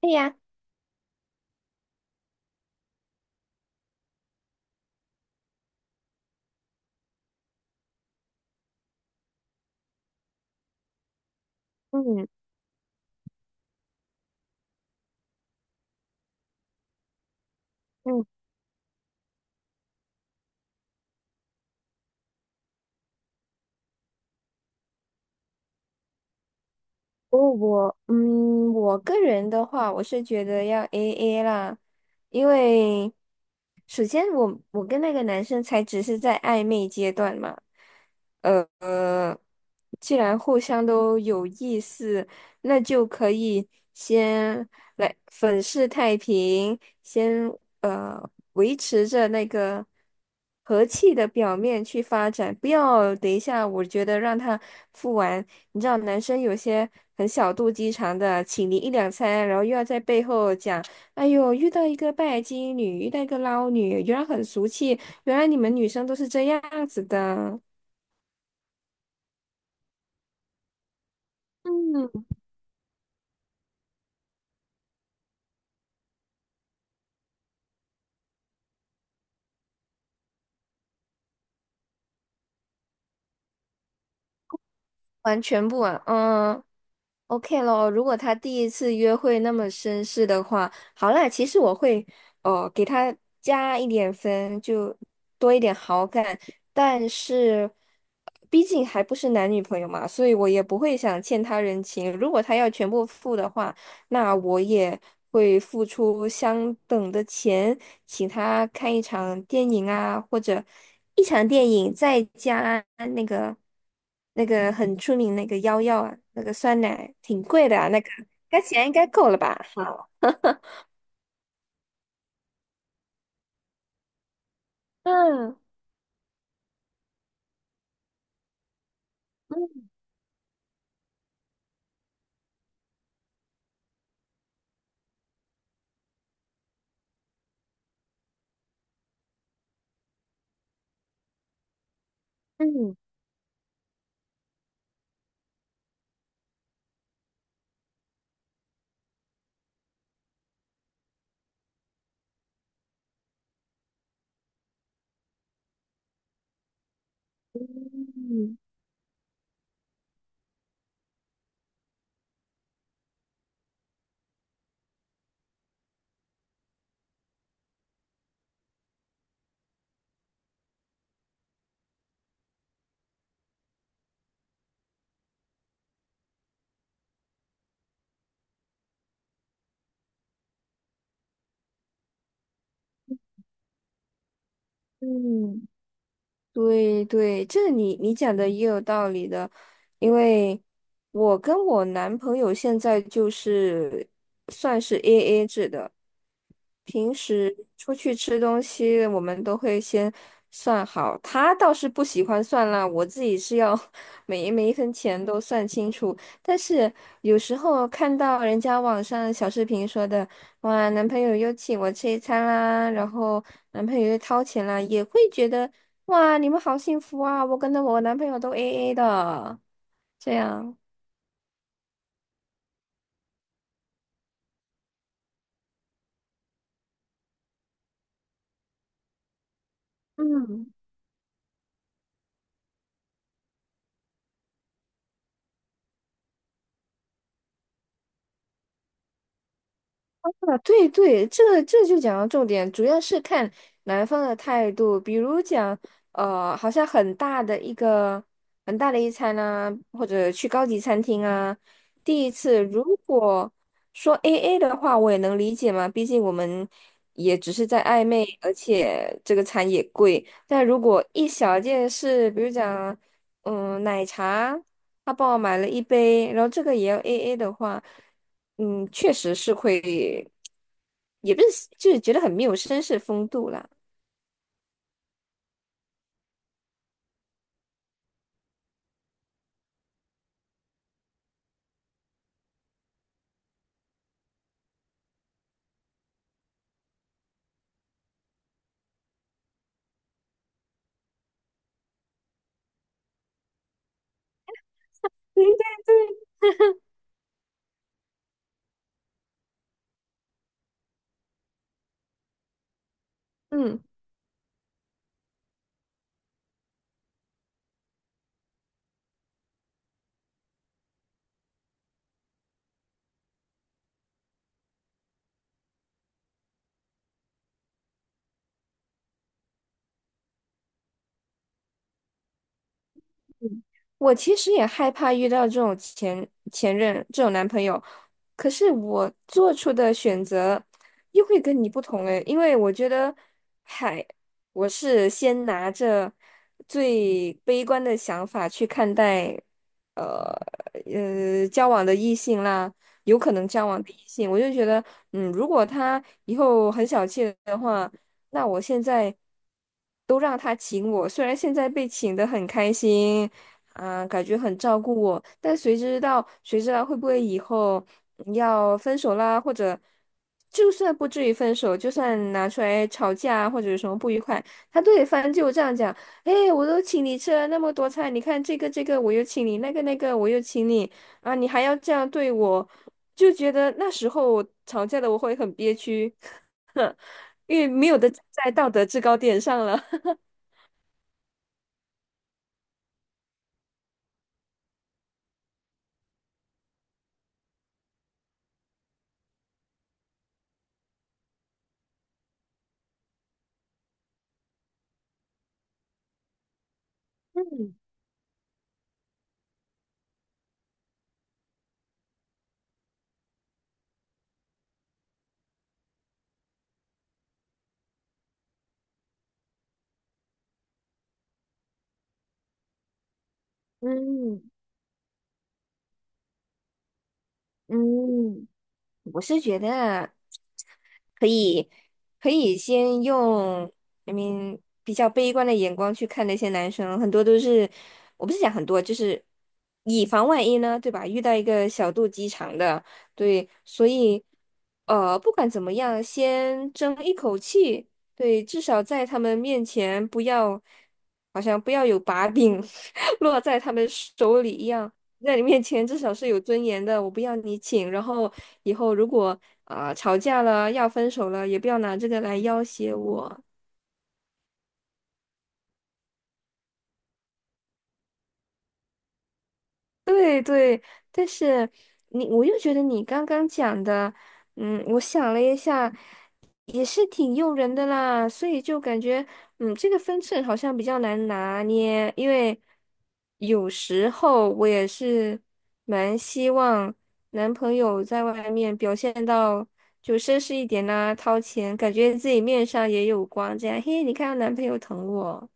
对呀，嗯嗯，我个人的话，我是觉得要 AA 啦，因为首先我跟那个男生才只是在暧昧阶段嘛，呃，呃既然互相都有意思，那就可以先来粉饰太平，先维持着那个和气的表面去发展，不要等一下，我觉得让他。付完。你知道男生有些很小肚鸡肠的，请你一两餐，然后又要在背后讲，哎呦，遇到一个拜金女，遇到一个捞女，原来很俗气，原来你们女生都是这样子的。完全不啊，嗯，OK 咯。如果他第一次约会那么绅士的话，好啦，其实我会哦给他加一点分，就多一点好感。但是，毕竟还不是男女朋友嘛，所以我也不会想欠他人情。如果他要全部付的话，那我也会付出相等的钱，请他看一场电影啊，或者一场电影再加那个那个很出名那个幺药啊，那个酸奶挺贵的啊，那个该钱应该够了吧？好，嗯嗯嗯嗯嗯。对对，这你讲的也有道理的，因为我跟我男朋友现在就是算是 AA 制的，平时出去吃东西我们都会先算好，他倒是不喜欢算啦，我自己是要 每一分钱都算清楚，但是有时候看到人家网上小视频说的。哇，男朋友又请我吃一餐啦，然后男朋友又掏钱啦，也会觉得哇，你们好幸福啊！我跟着我男朋友都 AA 的，这样。嗯，啊，对对，这个这就讲到重点，主要是看男方的态度。比如讲，好像很大的一餐啊，或者去高级餐厅啊，第一次如果说 AA 的话，我也能理解嘛，毕竟我们也只是在暧昧，而且这个餐也贵。但如果一小件事，比如讲，奶茶，他帮我买了一杯，然后这个也要 AA 的话。确实是会，也不是就是觉得很没有绅士风度啦。对对对，嗯，我其实也害怕遇到这种前任这种男朋友，可是我做出的选择又会跟你不同诶，因为我觉得，嗨，我是先拿着最悲观的想法去看待，呃交往的异性啦，有可能交往的异性，我就觉得。如果他以后很小气的话，那我现在都让他请我，虽然现在被请的很开心，啊、感觉很照顾我，但谁知道，谁知道会不会以后要分手啦，或者就算不至于分手，就算拿出来吵架或者有什么不愉快，他都得翻旧账讲，哎，我都请你吃了那么多菜，你看这个这个我又请你，那个那个我又请你。啊，你还要这样对我，就觉得那时候我吵架的我会很憋屈，因为没有的站在道德制高点上了。嗯嗯，我是觉得啊可以可以先用，I m 比较悲观的眼光去看那些男生，很多都是，我不是讲很多，就是以防万一呢，对吧？遇到一个小肚鸡肠的，对，所以不管怎么样，先争一口气，对，至少在他们面前不要，好像不要有把柄 落在他们手里一样。在你面前至少是有尊严的，我不要你请。然后以后如果啊、吵架了要分手了，也不要拿这个来要挟我。对对，但是你，我又觉得你刚刚讲的，我想了一下，也是挺诱人的啦，所以就感觉，这个分寸好像比较难拿捏，因为有时候我也是蛮希望男朋友在外面表现到就绅士一点啦，掏钱，感觉自己面上也有光，这样，嘿，你看到男朋友疼我，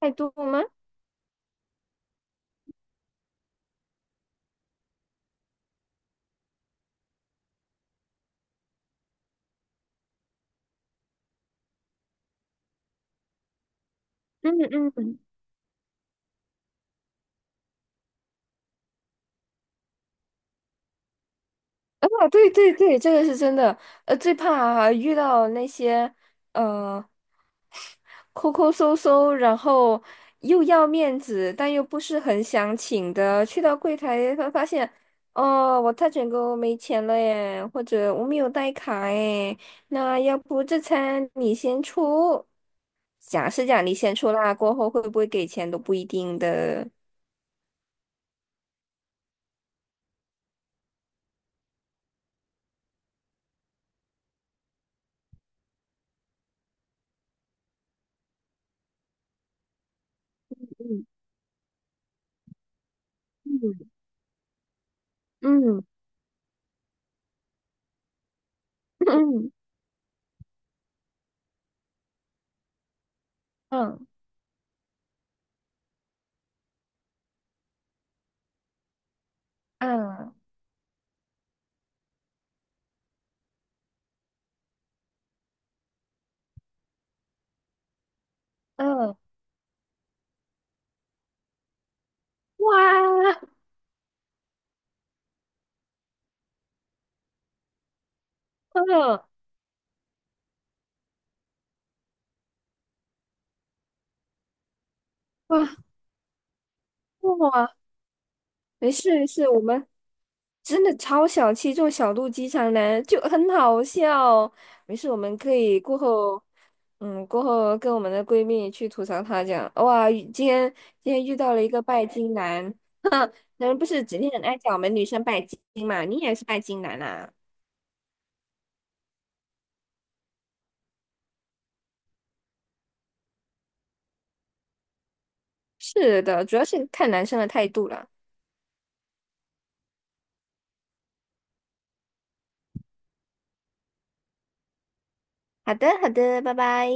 太多吗？嗯嗯啊，对对对，这个是真的。最怕遇到那些呃抠抠搜搜，然后又要面子，但又不是很想请的，去到柜台发现，哦，我太卷哥没钱了耶，或者我没有带卡耶，那要不这餐你先出？讲是讲你先出啦，过后会不会给钱都不一定的。嗯嗯嗯嗯嗯嗯嗯，哇，嗯。哇，哇，没事没事，我们真的超小气，这种小肚鸡肠男就很好笑。没事，我们可以过后跟我们的闺蜜去吐槽他，讲哇，今天遇到了一个拜金男，男人不是整天很爱讲我们女生拜金嘛？你也是拜金男啊？是的，主要是看男生的态度了。好的，好的，拜拜。